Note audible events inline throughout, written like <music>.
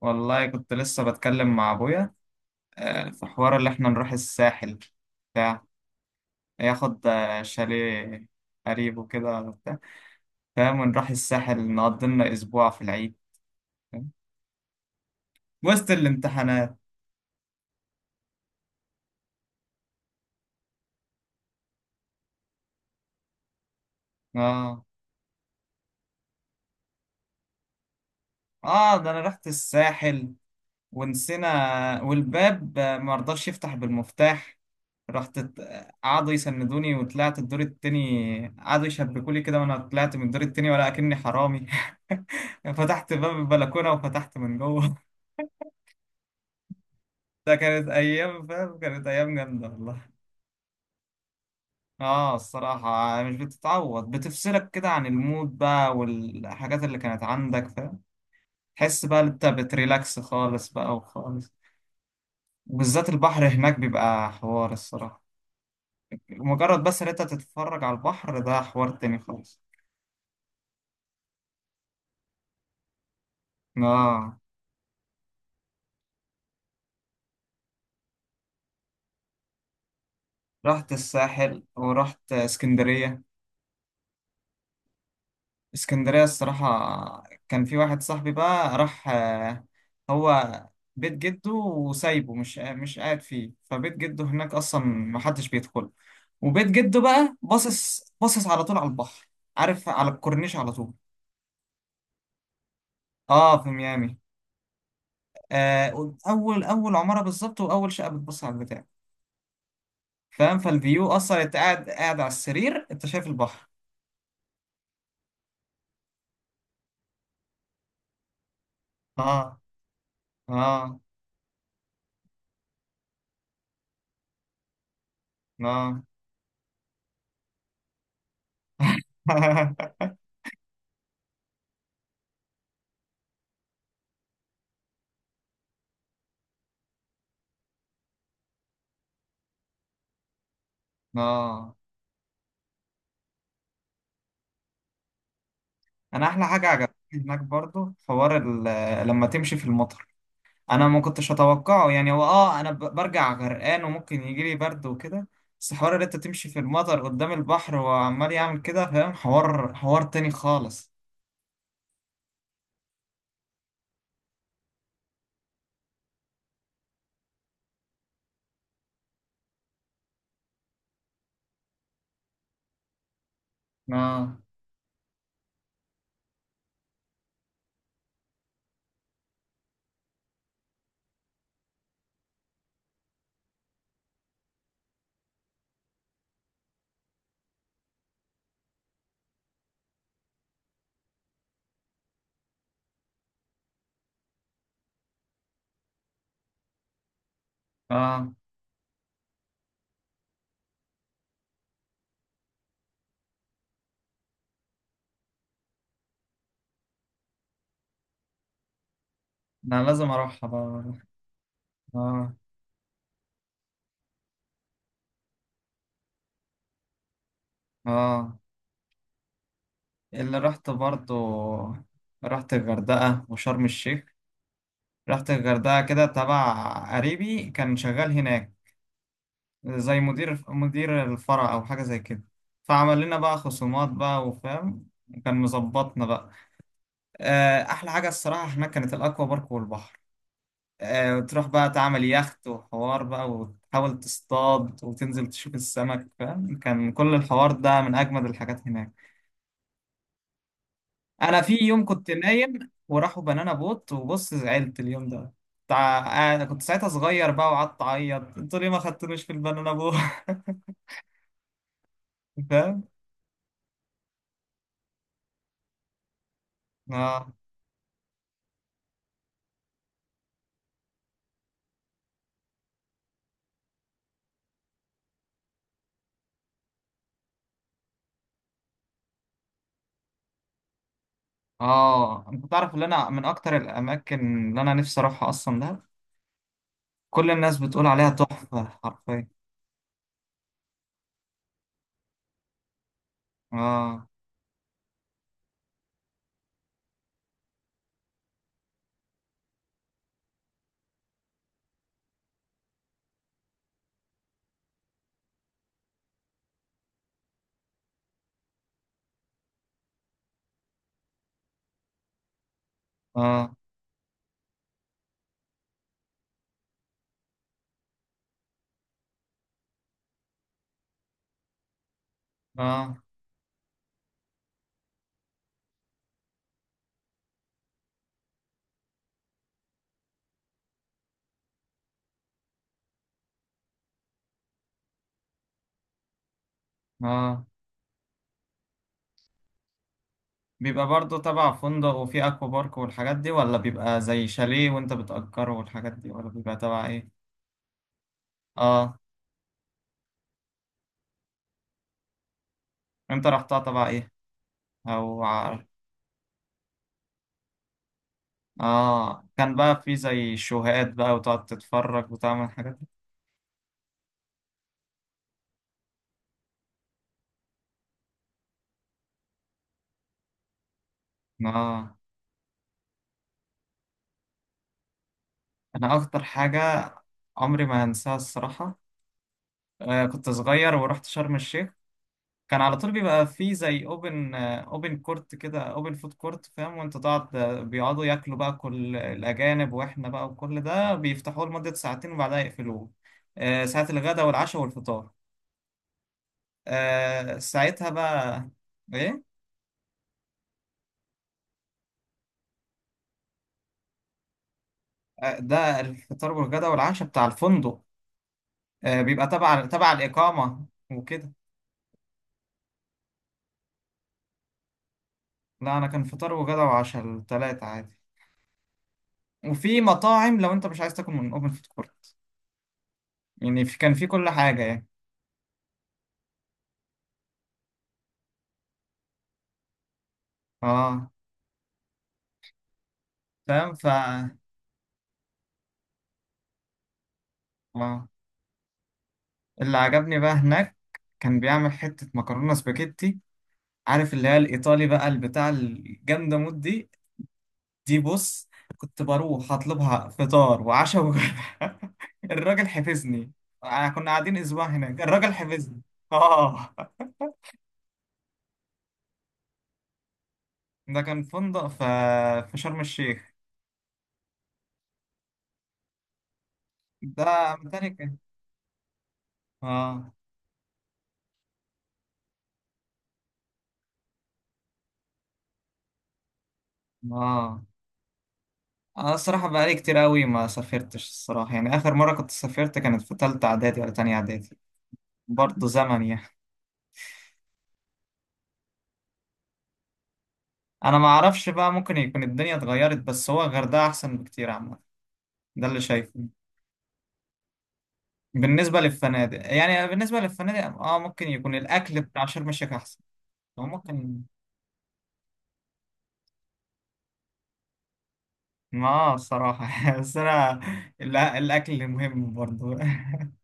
والله كنت لسه بتكلم مع ابويا. في حوار اللي احنا نروح الساحل بتاع ياخد شاليه قريب وكده وبتاع، فاهم؟ ونروح الساحل نقضي لنا اسبوع في العيد. فاهم؟ وسط الامتحانات. اه، اه، ده انا رحت الساحل ونسينا والباب ما رضاش يفتح بالمفتاح. رحت ات- قعدوا يسندوني وطلعت الدور التاني، قعدوا يشبكولي كده وانا طلعت من الدور التاني ولا اكني حرامي. <laughs> فتحت باب البلكونة وفتحت من جوه. <laughs> ده كانت ايام، فاهم؟ كانت ايام جامدة والله. اه، الصراحة مش بتتعوض، بتفصلك كده عن المود بقى والحاجات اللي كانت عندك، فاهم؟ تحس بقى إن انت بتريلاكس خالص بقى وخالص. وبالذات البحر هناك بيبقى حوار الصراحة، مجرد بس ان انت تتفرج على البحر ده حوار تاني خالص. اه، رحت الساحل ورحت اسكندرية. اسكندرية الصراحة كان في واحد صاحبي بقى راح، هو بيت جده وسايبه، مش قاعد فيه، فبيت جده هناك اصلا محدش بيدخل. وبيت جده بقى باصص باصص على طول على البحر، عارف؟ على الكورنيش على طول. اه، في ميامي. آه اول اول عمارة بالظبط واول شقة بتبص على البتاع، فاهم؟ فالفيو اصلا انت قاعد قاعد على السرير انت شايف البحر. اه، اه، اه. <laughs> اه، انا احلى حاجه عجبتني هناك برضو حوار لما تمشي في المطر. انا ما كنتش اتوقعه، يعني هو، اه، انا برجع غرقان وممكن يجي لي برد وكده. بس حوار ان انت تمشي في المطر قدام البحر وعمال يعمل كده، فاهم؟ حوار تاني خالص. اه، اه، انا لازم اروحها بقى. اه، اه، اللي رحت برضو، رحت الغردقة وشرم الشيخ. رحت الغردقة كده تبع قريبي كان شغال هناك زي مدير الفرع أو حاجة زي كده، فعمل لنا بقى خصومات بقى، وفاهم؟ كان مظبطنا بقى. أحلى حاجة الصراحة هناك كانت الأكوا بارك والبحر. تروح بقى تعمل يخت وحوار بقى وتحاول تصطاد وتنزل تشوف السمك، فاهم؟ كان كل الحوار ده من أجمد الحاجات هناك. انا في يوم كنت نايم وراحوا بنانا بوت وبص، زعلت اليوم ده. انا كنت ساعتها صغير بقى وقعدت اعيط: انتوا ليه ما خدتونيش في البنانا بوت؟ <laughs> فاهم؟ اه، اه، انت تعرف ان انا من اكتر الاماكن اللي انا نفسي اروحها اصلا ده. كل الناس بتقول عليها تحفة حرفيا. اه، اه، اه، اه. بيبقى برضو تبع فندق وفي اكوا بارك والحاجات دي، ولا بيبقى زي شاليه وانت بتأجره والحاجات دي، ولا بيبقى تبع ايه؟ اه، انت رحتها تبع ايه؟ او عارف؟ اه، كان بقى في زي شوهات بقى وتقعد تتفرج وتعمل حاجات. اه، انا اكتر حاجة عمري ما هنساها الصراحة. كنت صغير ورحت شرم الشيخ. كان على طول بيبقى في زي اوبن فود كورت، فاهم؟ وانت تقعد، بيقعدوا ياكلوا بقى كل الاجانب واحنا بقى، وكل ده بيفتحوه لمدة ساعتين وبعدها يقفلوه. آه، ساعة الغداء والعشاء والفطار. آه، ساعتها بقى ايه؟ ده الفطار والغدا والعشاء بتاع الفندق. بيبقى تبع الإقامة وكده. لا، أنا كان فطار وغدا وعشاء التلاتة عادي. وفي مطاعم لو أنت مش عايز تاكل من أوبن فود كورت، يعني كان في كل حاجة يعني. اه، فاهم. ف آه. اللي عجبني بقى هناك كان بيعمل حتة مكرونة سباجيتي، عارف اللي هي الإيطالي بقى البتاع الجامدة مود دي؟ دي بص، كنت بروح اطلبها فطار وعشاء وغدا. <laughs> الراجل حفظني. كنا قاعدين اسبوع هناك، الراجل حفظني. اه، ده كان فندق في شرم الشيخ. ده متهيألي كان. اه، اه، انا الصراحه بقالي كتير قوي ما سافرتش الصراحه، يعني اخر مره كنت سافرت كانت في تالتة اعدادي ولا تانية اعدادي. برضه زمن يعني. انا ما اعرفش بقى، ممكن يكون الدنيا اتغيرت، بس هو الغردقه احسن بكتير عامه، ده اللي شايفه. بالنسبة للفنادق، اه، ممكن يكون الأكل بتاع شرم الشيخ أحسن. أو ممكن. اه، الصراحة، <laughs> بس أنا الأكل مهم برضو. <laughs>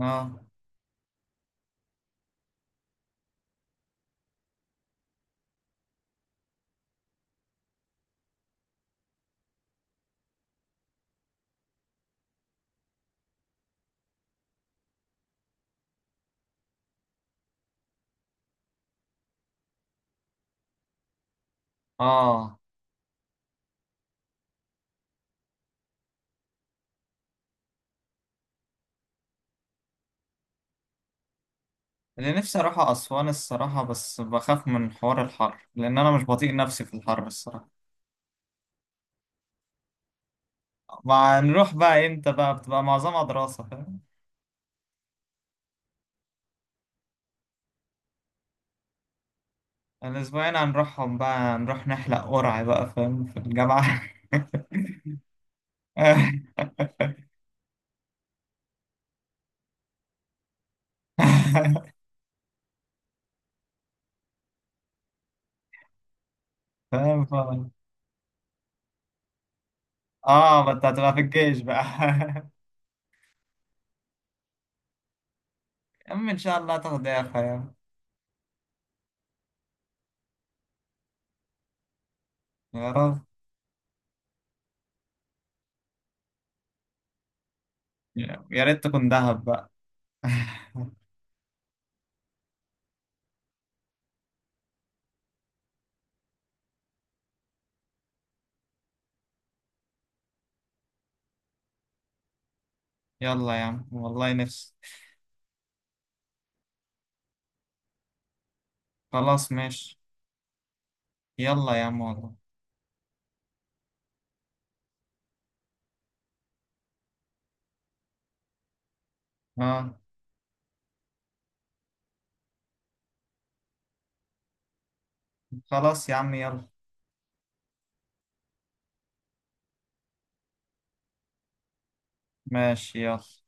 اه، اه، اللي نفسي أروح أسوان الصراحة، بس بخاف من حوار الحر، لأن أنا مش بطيق نفسي في الحر الصراحة. ما نروح بقى إمتى بقى؟ بتبقى معظمها دراسة، فاهم؟ الأسبوعين هنروحهم بقى نروح نحلق قرع بقى، فاهم؟ في الجامعة. <laughs> فاهم؟ اه، ما انت هتبقى في الجيش بقى. <laughs> يا عم، ان شاء الله تاخد ايه يا اخويا. يا رب، يا ريت تكون دهب بقى. <laughs> يلا يا عم والله نفسي. خلاص ماشي. يلا يا عم والله. اه، خلاص يا عم يلا. ماشي يلا.